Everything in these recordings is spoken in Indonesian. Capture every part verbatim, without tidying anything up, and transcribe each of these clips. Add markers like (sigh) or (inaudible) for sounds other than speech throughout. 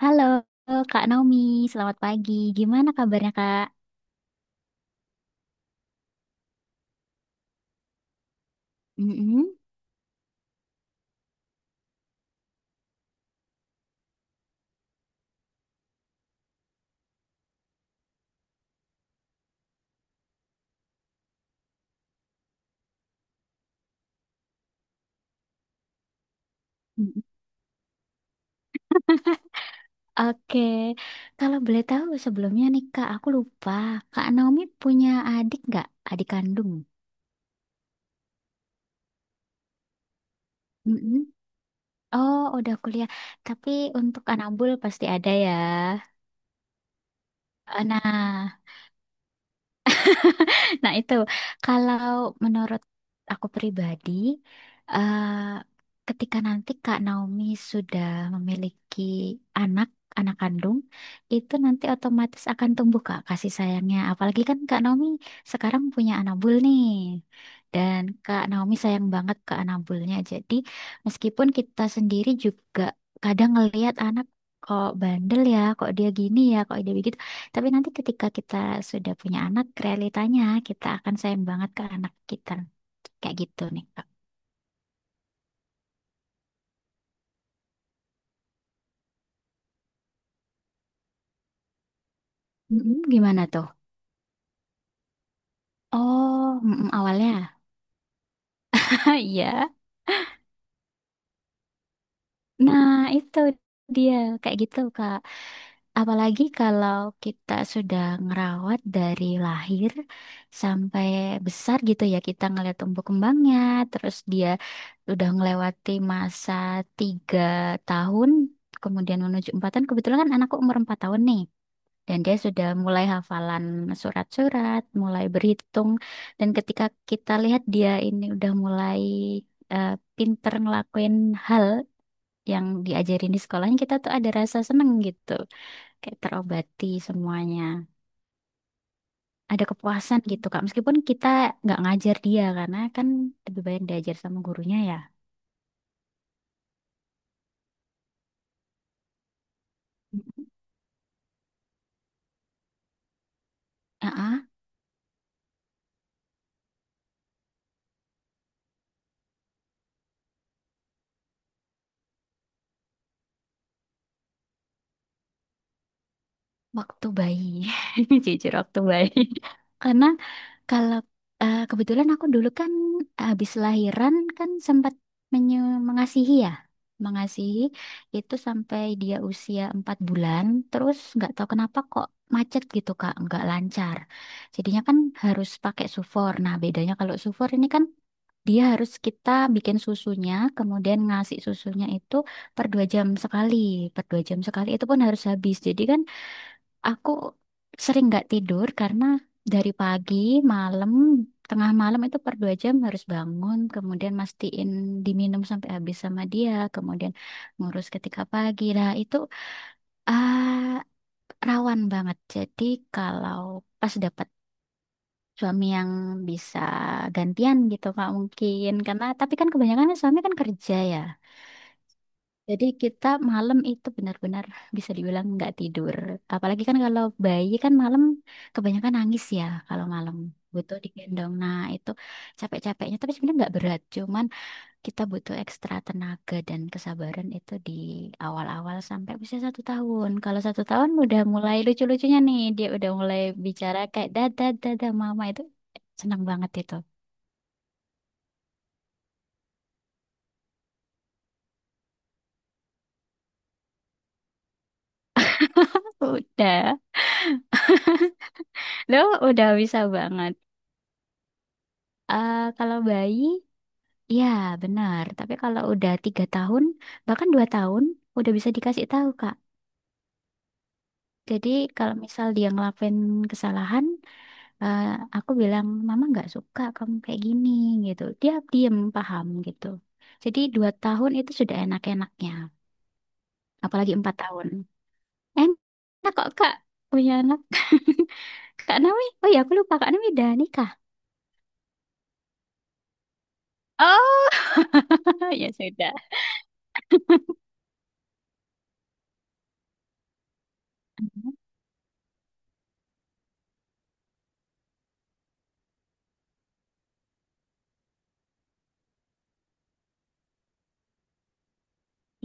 Halo Kak Naomi, selamat pagi. Gimana kabarnya Kak? Mm-mm. (laughs) Mm-mm. Oke, kalau boleh tahu sebelumnya nih Kak, aku lupa. Kak Naomi punya adik nggak? Adik kandung? Mm-mm. Oh, udah kuliah. Tapi untuk anak bul pasti ada ya. Eh, Nah, Nah, itu kalau menurut aku pribadi, eh, ketika nanti Kak Naomi sudah memiliki anak, anak kandung, itu nanti otomatis akan tumbuh Kak kasih sayangnya. Apalagi kan Kak Naomi sekarang punya anak bul nih. Dan Kak Naomi sayang banget ke anak bulnya. Jadi, meskipun kita sendiri juga kadang ngelihat anak kok bandel ya, kok dia gini ya, kok dia begitu. Tapi nanti ketika kita sudah punya anak, realitanya kita akan sayang banget ke anak kita. Kayak gitu nih, Kak. Mm-mm, gimana tuh? Oh, mm-mm, awalnya. (laughs) Iya. Nah, itu dia. Kayak gitu, Kak. Apalagi kalau kita sudah ngerawat dari lahir sampai besar gitu ya, kita ngeliat tumbuh kembangnya, terus dia udah ngelewati masa tiga tahun, kemudian menuju empat tahun. Kebetulan kan anakku umur empat tahun nih. Dan dia sudah mulai hafalan surat-surat, mulai berhitung. Dan ketika kita lihat dia ini udah mulai eh, pinter ngelakuin hal yang diajarin di sekolahnya, kita tuh ada rasa seneng gitu. Kayak terobati semuanya. Ada kepuasan gitu, Kak. Meskipun kita nggak ngajar dia, karena kan lebih banyak diajar sama gurunya ya. Ah, Waktu bayi. (laughs) Jujur waktu bayi. (laughs) Karena kalau eh, kebetulan aku dulu kan habis lahiran kan sempat menye- mengasihi ya, mengasihi itu sampai dia usia empat bulan, terus nggak tahu kenapa kok macet gitu Kak, nggak lancar. Jadinya kan harus pakai sufor. Nah, bedanya kalau sufor ini kan dia harus kita bikin susunya, kemudian ngasih susunya itu per dua jam sekali, per dua jam sekali itu pun harus habis. Jadi kan aku sering nggak tidur karena dari pagi, malam, tengah malam itu per dua jam harus bangun, kemudian mastiin diminum sampai habis sama dia, kemudian ngurus ketika pagi. Nah, itu ah, rawan banget. Jadi kalau pas dapat suami yang bisa gantian gitu Kak, mungkin karena tapi kan kebanyakan kan suami kan kerja ya. Jadi kita malam itu benar-benar bisa dibilang nggak tidur. Apalagi kan kalau bayi kan malam kebanyakan nangis ya, kalau malam butuh digendong. Nah itu capek-capeknya tapi sebenarnya nggak berat. Cuman kita butuh ekstra tenaga dan kesabaran itu di awal-awal sampai usia satu tahun. Kalau satu tahun udah mulai lucu-lucunya nih, dia udah mulai bicara kayak dada dada mama, itu senang banget itu. Udah, lo udah bisa banget. Eh, kalau bayi, iya, benar. Tapi kalau udah tiga tahun, bahkan dua tahun, udah bisa dikasih tahu, Kak. Jadi kalau misal dia ngelakuin kesalahan, eh, aku bilang, Mama nggak suka kamu kayak gini, gitu. Dia diem, paham, gitu. Jadi dua tahun itu sudah enak-enaknya. Apalagi empat tahun. Enak kok, Kak. Punya anak. (laughs) Kak Naomi, oh ya aku lupa, Kak Naomi udah nikah. Oh, (laughs) ya sudah.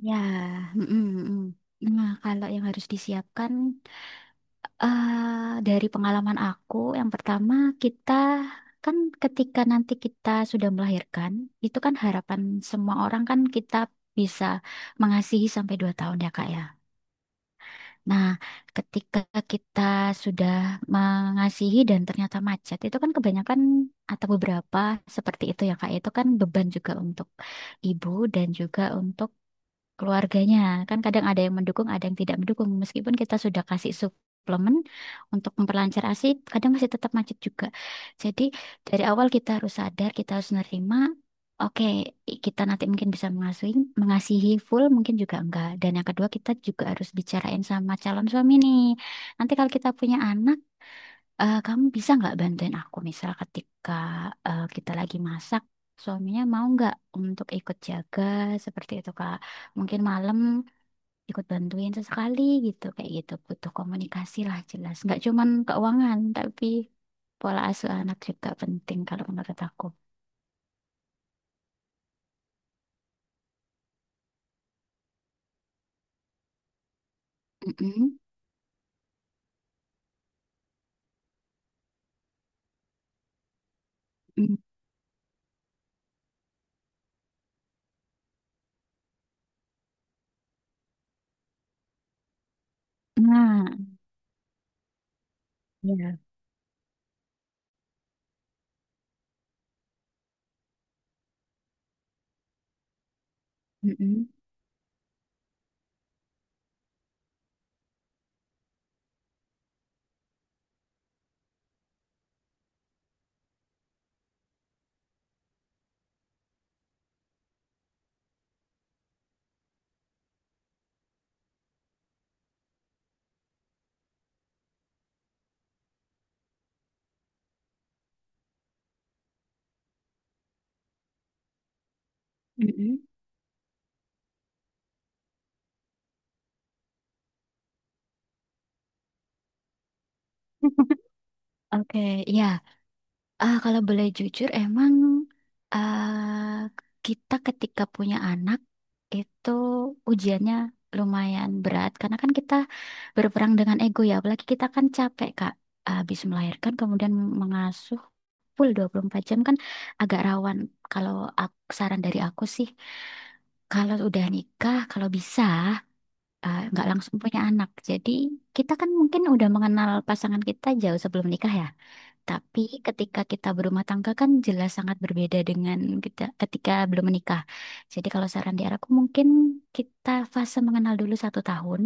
Ya, mm, mm, mm. Nah, kalau yang harus disiapkan, Eh, dari pengalaman aku, yang pertama kita kan ketika nanti kita sudah melahirkan, itu kan harapan semua orang kan kita bisa mengasihi sampai dua tahun ya Kak ya. Nah, ketika kita sudah mengasihi dan ternyata macet, itu kan kebanyakan atau beberapa seperti itu ya Kak. Itu kan beban juga untuk ibu dan juga untuk keluarganya. Kan kadang ada yang mendukung, ada yang tidak mendukung. Meskipun kita sudah kasih suplemen untuk memperlancar asi, kadang masih tetap macet juga. Jadi dari awal kita harus sadar, kita harus nerima. Oke, kita nanti mungkin bisa mengasuhi, mengasihi full, mungkin juga enggak. Dan yang kedua, kita juga harus bicarain sama calon suami nih. Nanti kalau kita punya anak, Eh, kamu bisa nggak bantuin aku misal ketika eh, kita lagi masak, suaminya mau nggak untuk ikut jaga, seperti itu Kak. Mungkin malam ikut bantuin sesekali gitu, kayak gitu. Butuh komunikasi lah, jelas. Nggak cuman keuangan tapi pola asuh anak juga penting kalau menurut aku. Mm-mm. Mm. Nah, ya. Mm-mm. Mm-mm. (laughs) Oke, ya. Ah, kalau boleh jujur, emang ah, kita ketika punya anak itu ujiannya lumayan berat karena kan kita berperang dengan ego ya, apalagi kita kan capek Kak. Habis melahirkan kemudian mengasuh full dua puluh empat jam kan agak rawan. Kalau ak- saran dari aku sih, kalau udah nikah, kalau bisa eh, nggak langsung punya anak. Jadi kita kan mungkin udah mengenal pasangan kita jauh sebelum nikah ya. Tapi ketika kita berumah tangga kan jelas sangat berbeda dengan kita ketika belum menikah. Jadi kalau saran di aku mungkin kita fase mengenal dulu satu tahun.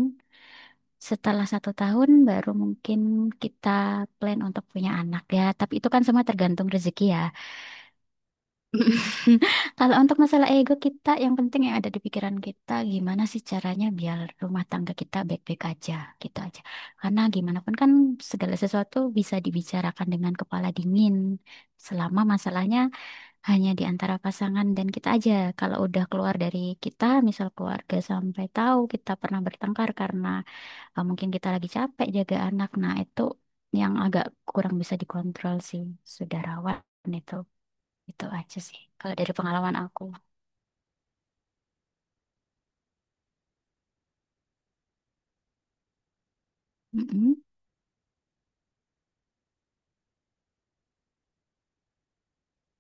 Setelah satu tahun baru mungkin kita plan untuk punya anak ya. Tapi itu kan semua tergantung rezeki ya. (laughs) Kalau untuk masalah ego kita, yang penting yang ada di pikiran kita, gimana sih caranya biar rumah tangga kita baik-baik aja, gitu aja. Karena gimana pun kan segala sesuatu bisa dibicarakan dengan kepala dingin, selama masalahnya hanya di antara pasangan dan kita aja. Kalau udah keluar dari kita, misal keluarga sampai tahu kita pernah bertengkar karena eh, mungkin kita lagi capek jaga anak, nah itu yang agak kurang bisa dikontrol sih, saudarawan itu. Itu aja sih. Kalau dari pengalaman aku. Mm-mm.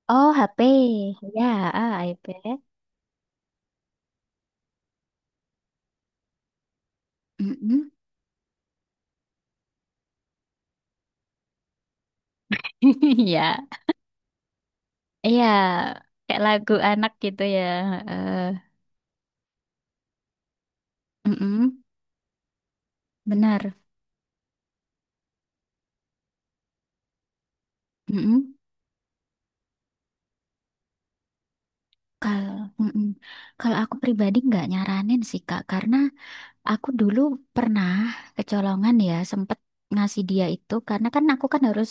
Oh, H P. Ya, ah, iPad. Mm-mm. (laughs) Iya. Iya. Kayak lagu anak gitu ya. Eh, mm-mm. Benar. Mm-mm. Kalau mm-mm. Kalau aku pribadi nggak nyaranin sih Kak, karena aku dulu pernah kecolongan ya, sempet ngasih dia itu karena kan aku kan harus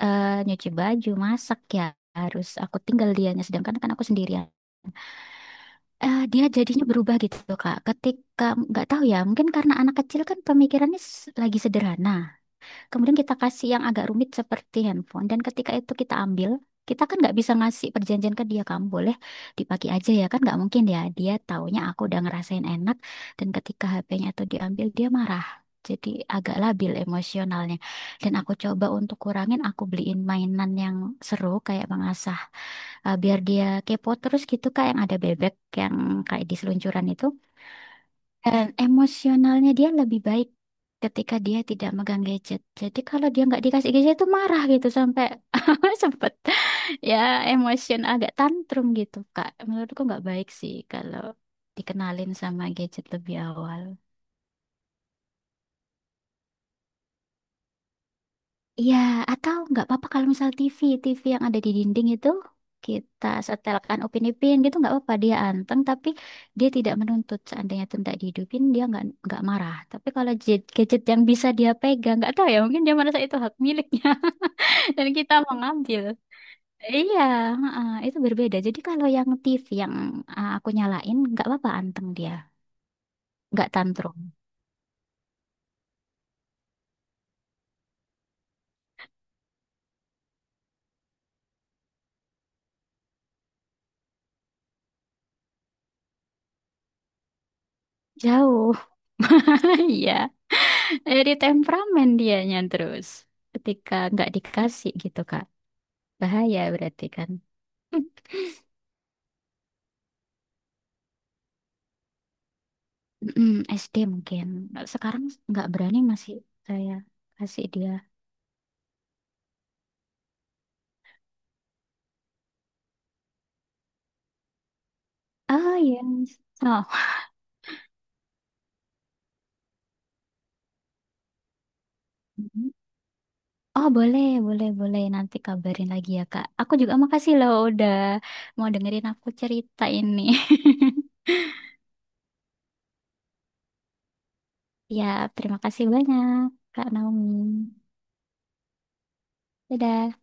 eh, nyuci baju, masak ya, harus aku tinggal dianya sedangkan kan aku sendirian. eh, dia jadinya berubah gitu Kak. Ketika nggak tahu ya, mungkin karena anak kecil kan pemikirannya s- lagi sederhana. Kemudian kita kasih yang agak rumit seperti handphone. Dan ketika itu kita ambil, kita kan nggak bisa ngasih perjanjian ke dia. Kamu boleh dipakai aja ya kan? Nggak mungkin ya. Dia taunya aku udah ngerasain enak. Dan ketika H P-nya itu diambil, dia marah. Jadi agak labil emosionalnya. Dan aku coba untuk kurangin, aku beliin mainan yang seru kayak mengasah. Eh, biar dia kepo terus gitu Kak, yang ada bebek yang kayak di seluncuran itu. Dan emosionalnya dia lebih baik ketika dia tidak megang gadget. Jadi kalau dia nggak dikasih gadget itu marah gitu sampai (laughs) sempet ya, emosion agak tantrum gitu Kak. Menurutku nggak baik sih kalau dikenalin sama gadget lebih awal. Iya, atau nggak apa-apa kalau misal T V, T V yang ada di dinding itu kita setelkan Upin-Ipin, gitu nggak apa-apa dia anteng, tapi dia tidak menuntut seandainya itu tidak dihidupin dia nggak nggak marah. Tapi kalau jet- gadget yang bisa dia pegang, nggak tahu ya, mungkin dia merasa itu hak miliknya (laughs) dan kita mau ngambil. Iya, heeh, itu berbeda. Jadi kalau yang T V yang uh, aku nyalain nggak apa-apa anteng dia, nggak tantrum. Jauh. (laughs) Iya, jadi temperamen dianya terus ketika nggak dikasih gitu kan. Bahaya berarti kan. (clears throat) Mm, S D mungkin. Sekarang nggak berani masih saya kasih dia. Oh iya. Oh. Mhm. Oh boleh, boleh, boleh. Nanti kabarin lagi ya Kak. Aku juga makasih loh udah mau dengerin aku cerita ini. (laughs) Ya, terima kasih banyak Kak Naomi. Dadah.